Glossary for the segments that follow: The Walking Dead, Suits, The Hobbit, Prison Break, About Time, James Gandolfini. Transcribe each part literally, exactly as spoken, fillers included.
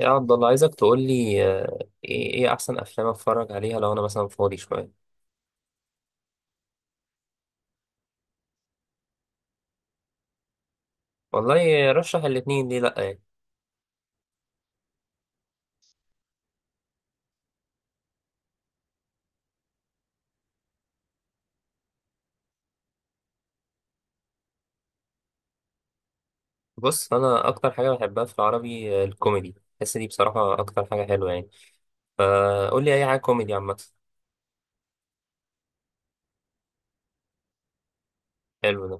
يا عبد الله عايزك تقول لي آه، ايه إيه احسن افلام اتفرج عليها لو انا مثلا فاضي شويه. والله رشح الاتنين ليه لا يعني. بص انا اكتر حاجه بحبها في العربي آه، الكوميدي، بحس دي بصراحه اكتر حاجه حلوه يعني. فقول لي اي حاجه كوميدي عامه. حلو ده.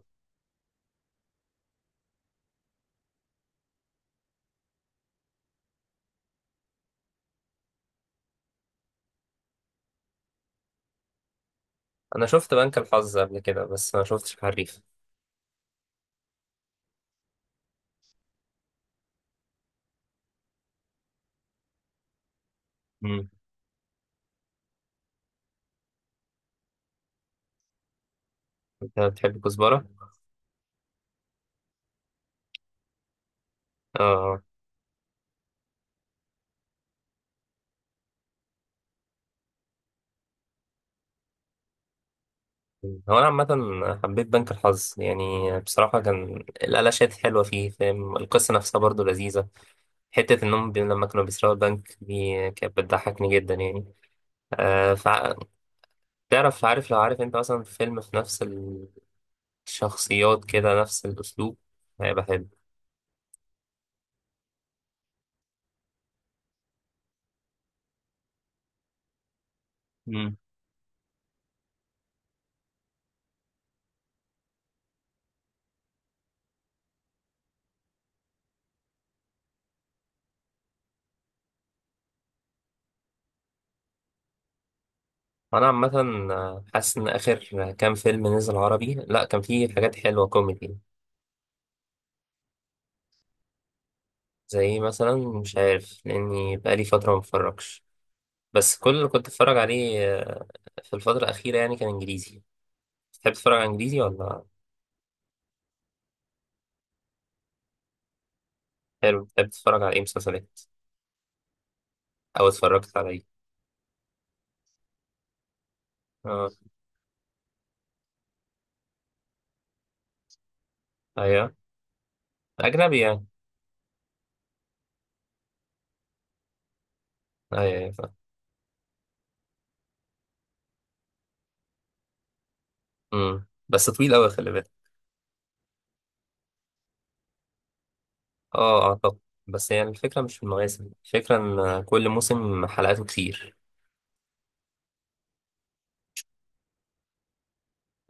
انا شفت بنك الحظ قبل كده بس ما شفتش حريف. مم. انت بتحب كزبره؟ اه. هو انا عامه حبيت بنك الحظ يعني. بصراحه كان الالاشات حلوه فيه، فاهم؟ القصه نفسها برضو لذيذه. حتة إنهم بي- لما كانوا بيسرقوا البنك دي كانت بتضحكني جدا يعني. آه فع... تعرف، عارف لو عارف أنت مثلا فيلم في نفس الشخصيات كده نفس الأسلوب هيبقى حلو. مم. أنا عامة آه، حاسس إن آخر كام فيلم نزل عربي لأ كان فيه حاجات حلوة كوميدي. زي مثلا مش عارف، لأني بقالي فترة متفرجش. بس كل اللي كنت أتفرج عليه آه، في الفترة الأخيرة يعني كان إنجليزي. تحب تتفرج على إنجليزي ولا؟ حلو. تحب تتفرج على إيه مسلسلات أو اتفرجت على إيه؟ آه. ايوه. اجنبي يعني. ايوه ايوه فاهم. امم بس طويل قوي خلي بالك. اه اعتقد. بس يعني الفكره مش في المواسم، الفكره ان كل موسم حلقاته كتير.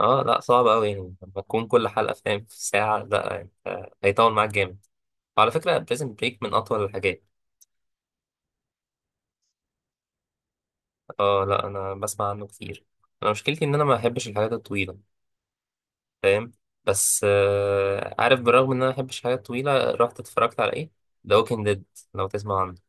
اه لا صعب قوي يعني لما تكون كل حلقه فاهم في ساعه لا يعني آه، هيطول معاك جامد. وعلى فكره بريزن بريك من اطول الحاجات. اه لا انا بسمع عنه كتير. انا مشكلتي ان انا ما بحبش الحاجات الطويله، فاهم؟ بس آه عارف بالرغم ان انا ما بحبش الحاجات الطويله رحت اتفرجت على ايه؟ ذا ووكينج ديد، لو تسمع عنه.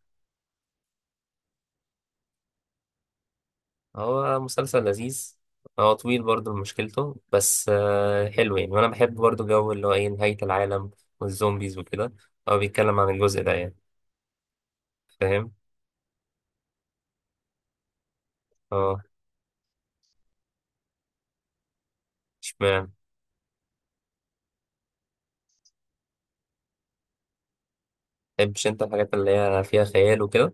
هو مسلسل لذيذ. هو طويل برضو مشكلته، بس آه، حلو يعني، وانا بحب برضو جو اللي هو ايه نهاية العالم والزومبيز وكده. هو بيتكلم عن الجزء ده يعني، فاهم. اه اشمعنى؟ متحبش انت الحاجات اللي هي فيها خيال وكده؟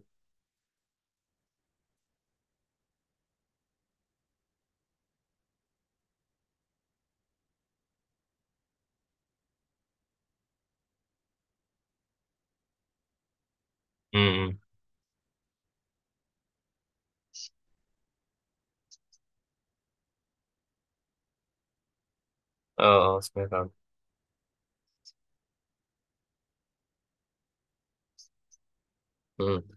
امم. اه اه سمعت عنه. امم.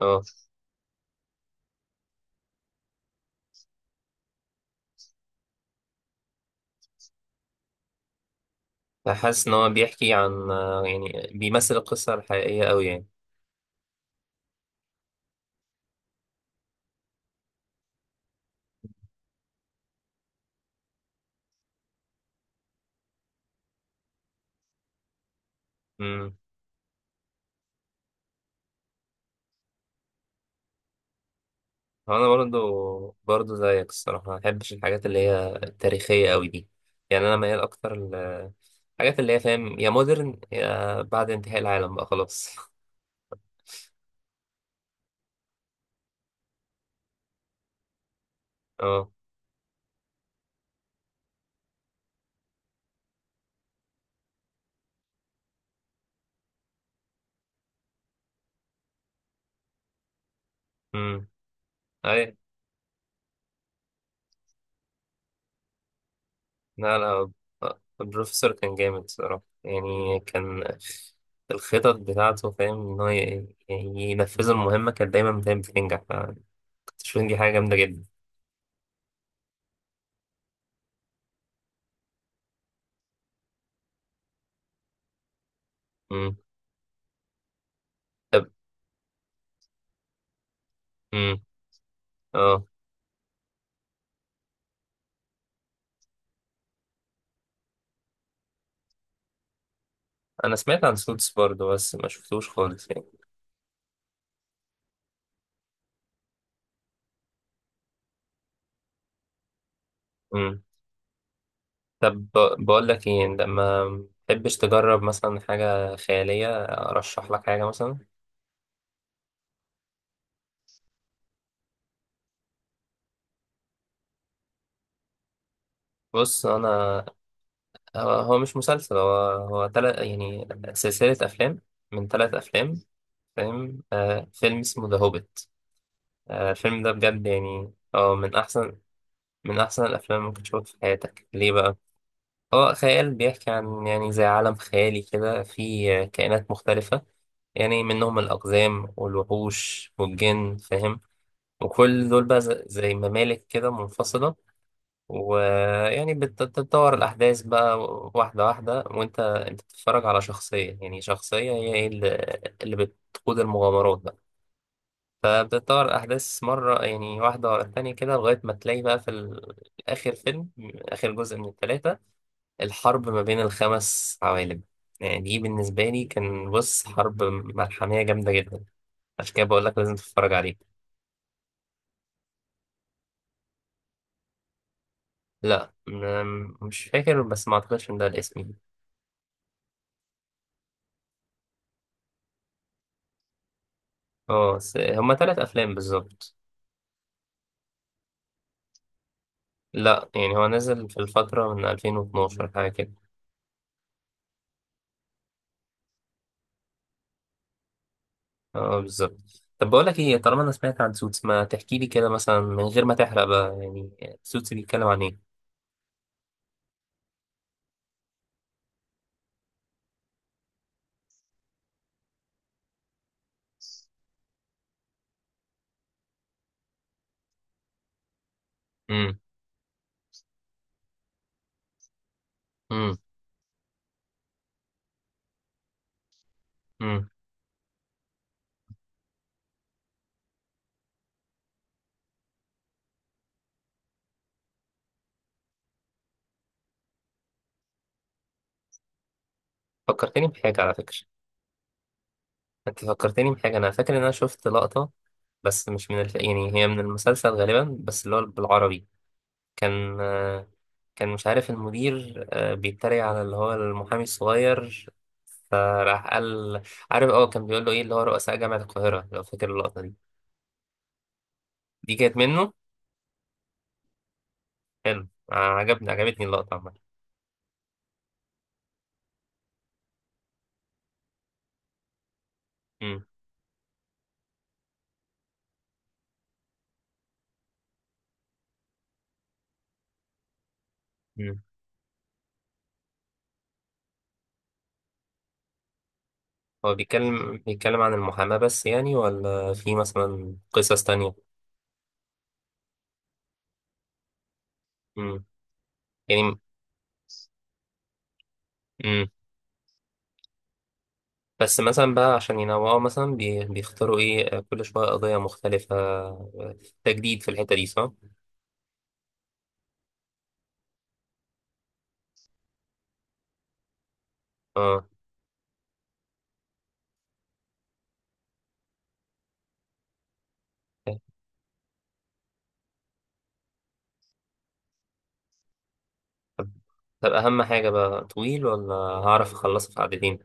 اه فحاسس ان هو بيحكي عن آه، يعني بيمثل القصة الحقيقية قوي. يعني انا برضو برضو زيك الصراحه ما بحبش الحاجات اللي هي التاريخيه قوي دي. يعني انا ميال اكتر الحاجات اللي هي فاهم يا مودرن يا بعد انتهاء العالم بقى خلاص. اه. امم. اي. لا لا البروفيسور كان جامد الصراحه، يعني كان الخطط بتاعته فاهم ان هو ي- يعني ينفذ المهمه كانت دايما فاهم بتنجح، فكنت شايف إن دي حاجه جامده جدا. امم. طب. امم. اه انا سمعت عن سوتس برضو بس ما شفتوش خالص. يعني. طب ب- بقول لك ايه، لما تحبش تجرب مثلا حاجة خيالية ارشح لك حاجة مثلا. بص انا. هو هو مش مسلسل، هو هو تلت يعني سلسلة افلام من تلات افلام فاهم. آه فيلم اسمه ذا هوبيت. آه الفيلم ده بجد يعني اه من احسن من احسن الافلام اللي ممكن تشوفها في حياتك. ليه بقى؟ هو خيال بيحكي عن يعني زي عالم خيالي كده فيه كائنات مختلفة. يعني منهم الأقزام والوحوش والجن فاهم. وكل دول بقى ز- زي ممالك كده منفصلة. ويعني بت- بتتطور الأحداث بقى واحدة واحدة، وأنت أنت بتتفرج على شخصية يعني شخصية، هي إيه اللي اللي بتقود المغامرات بقى. فبتتطور الأحداث مرة يعني واحدة ورا التانية كده لغاية ما تلاقي بقى في ال- آخر فيلم، آخر جزء من التلاتة، الحرب ما بين الخمس عوالم. يعني دي بالنسبة لي كان بص حرب ملحمية جامدة جدا. عشان كده بقول لك لازم تتفرج عليه. لا م- مش فاكر بس ما اعتقدش ان ده الاسم يعني. اه س- هما ثلاث افلام بالظبط. لا يعني هو نزل في الفتره من ألفين واتناشر حاجه كده. اه بالظبط. طب بقول لك ايه، طالما انا سمعت عن سوتس ما تحكي لي كده مثلا من غير ما تحرق بقى يعني. سوتس بيتكلم عن ايه؟ امم. امم. امم. فكرتني بحاجه على فكره. انت فكرتني بحاجه، انا فاكر ان انا شفت لقطه بس مش من الف... يعني هي من المسلسل غالبا بس اللي هو بالعربي. كان آه، كان مش عارف المدير آه، بيتريق على اللي هو المحامي الصغير، فراح قال عارف اه كان بيقول له ايه اللي هو رؤساء جامعة القاهرة، لو فاكر اللقطة دي. دي كانت منه. حلو آه، عجبني عجبتني اللقطة عامة. مم. مم. هو بيتكلم بيتكلم عن المحاماة بس يعني، ولا في مثلا قصص تانية؟ مم. يعني. مم. بس مثلا بقى عشان ينوعوا مثلا بي- بيختاروا ايه آه، كل شوية قضية مختلفة آه، تجديد في الحتة دي صح؟ اه. طب أهم حاجة بقى طويل ولا هعرف أخلصه في عددين؟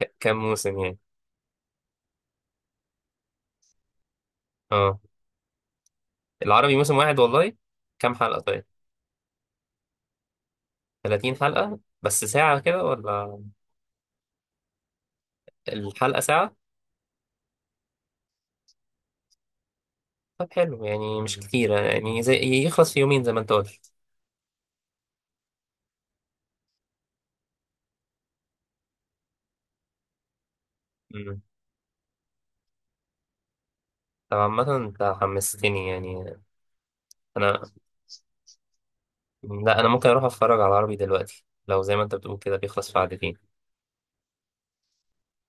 ك- كام موسم يعني؟ اه العربي موسم واحد والله. كام حلقة طيب؟ ثلاثين حلقة بس ساعة كده ولا؟ الحلقة ساعة؟ طب حلو يعني مش كتير يعني، زي يخلص في يومين زي ما انت قلت. مم. طب عامة انت حمستني يعني. انا، لا، انا ممكن اروح اتفرج على العربي دلوقتي لو زي ما انت بتقول كده بيخلص في عددين.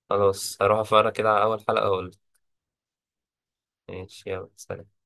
خلاص هروح اتفرج كده على اول حلقة واقول. ماشي يلا سلام.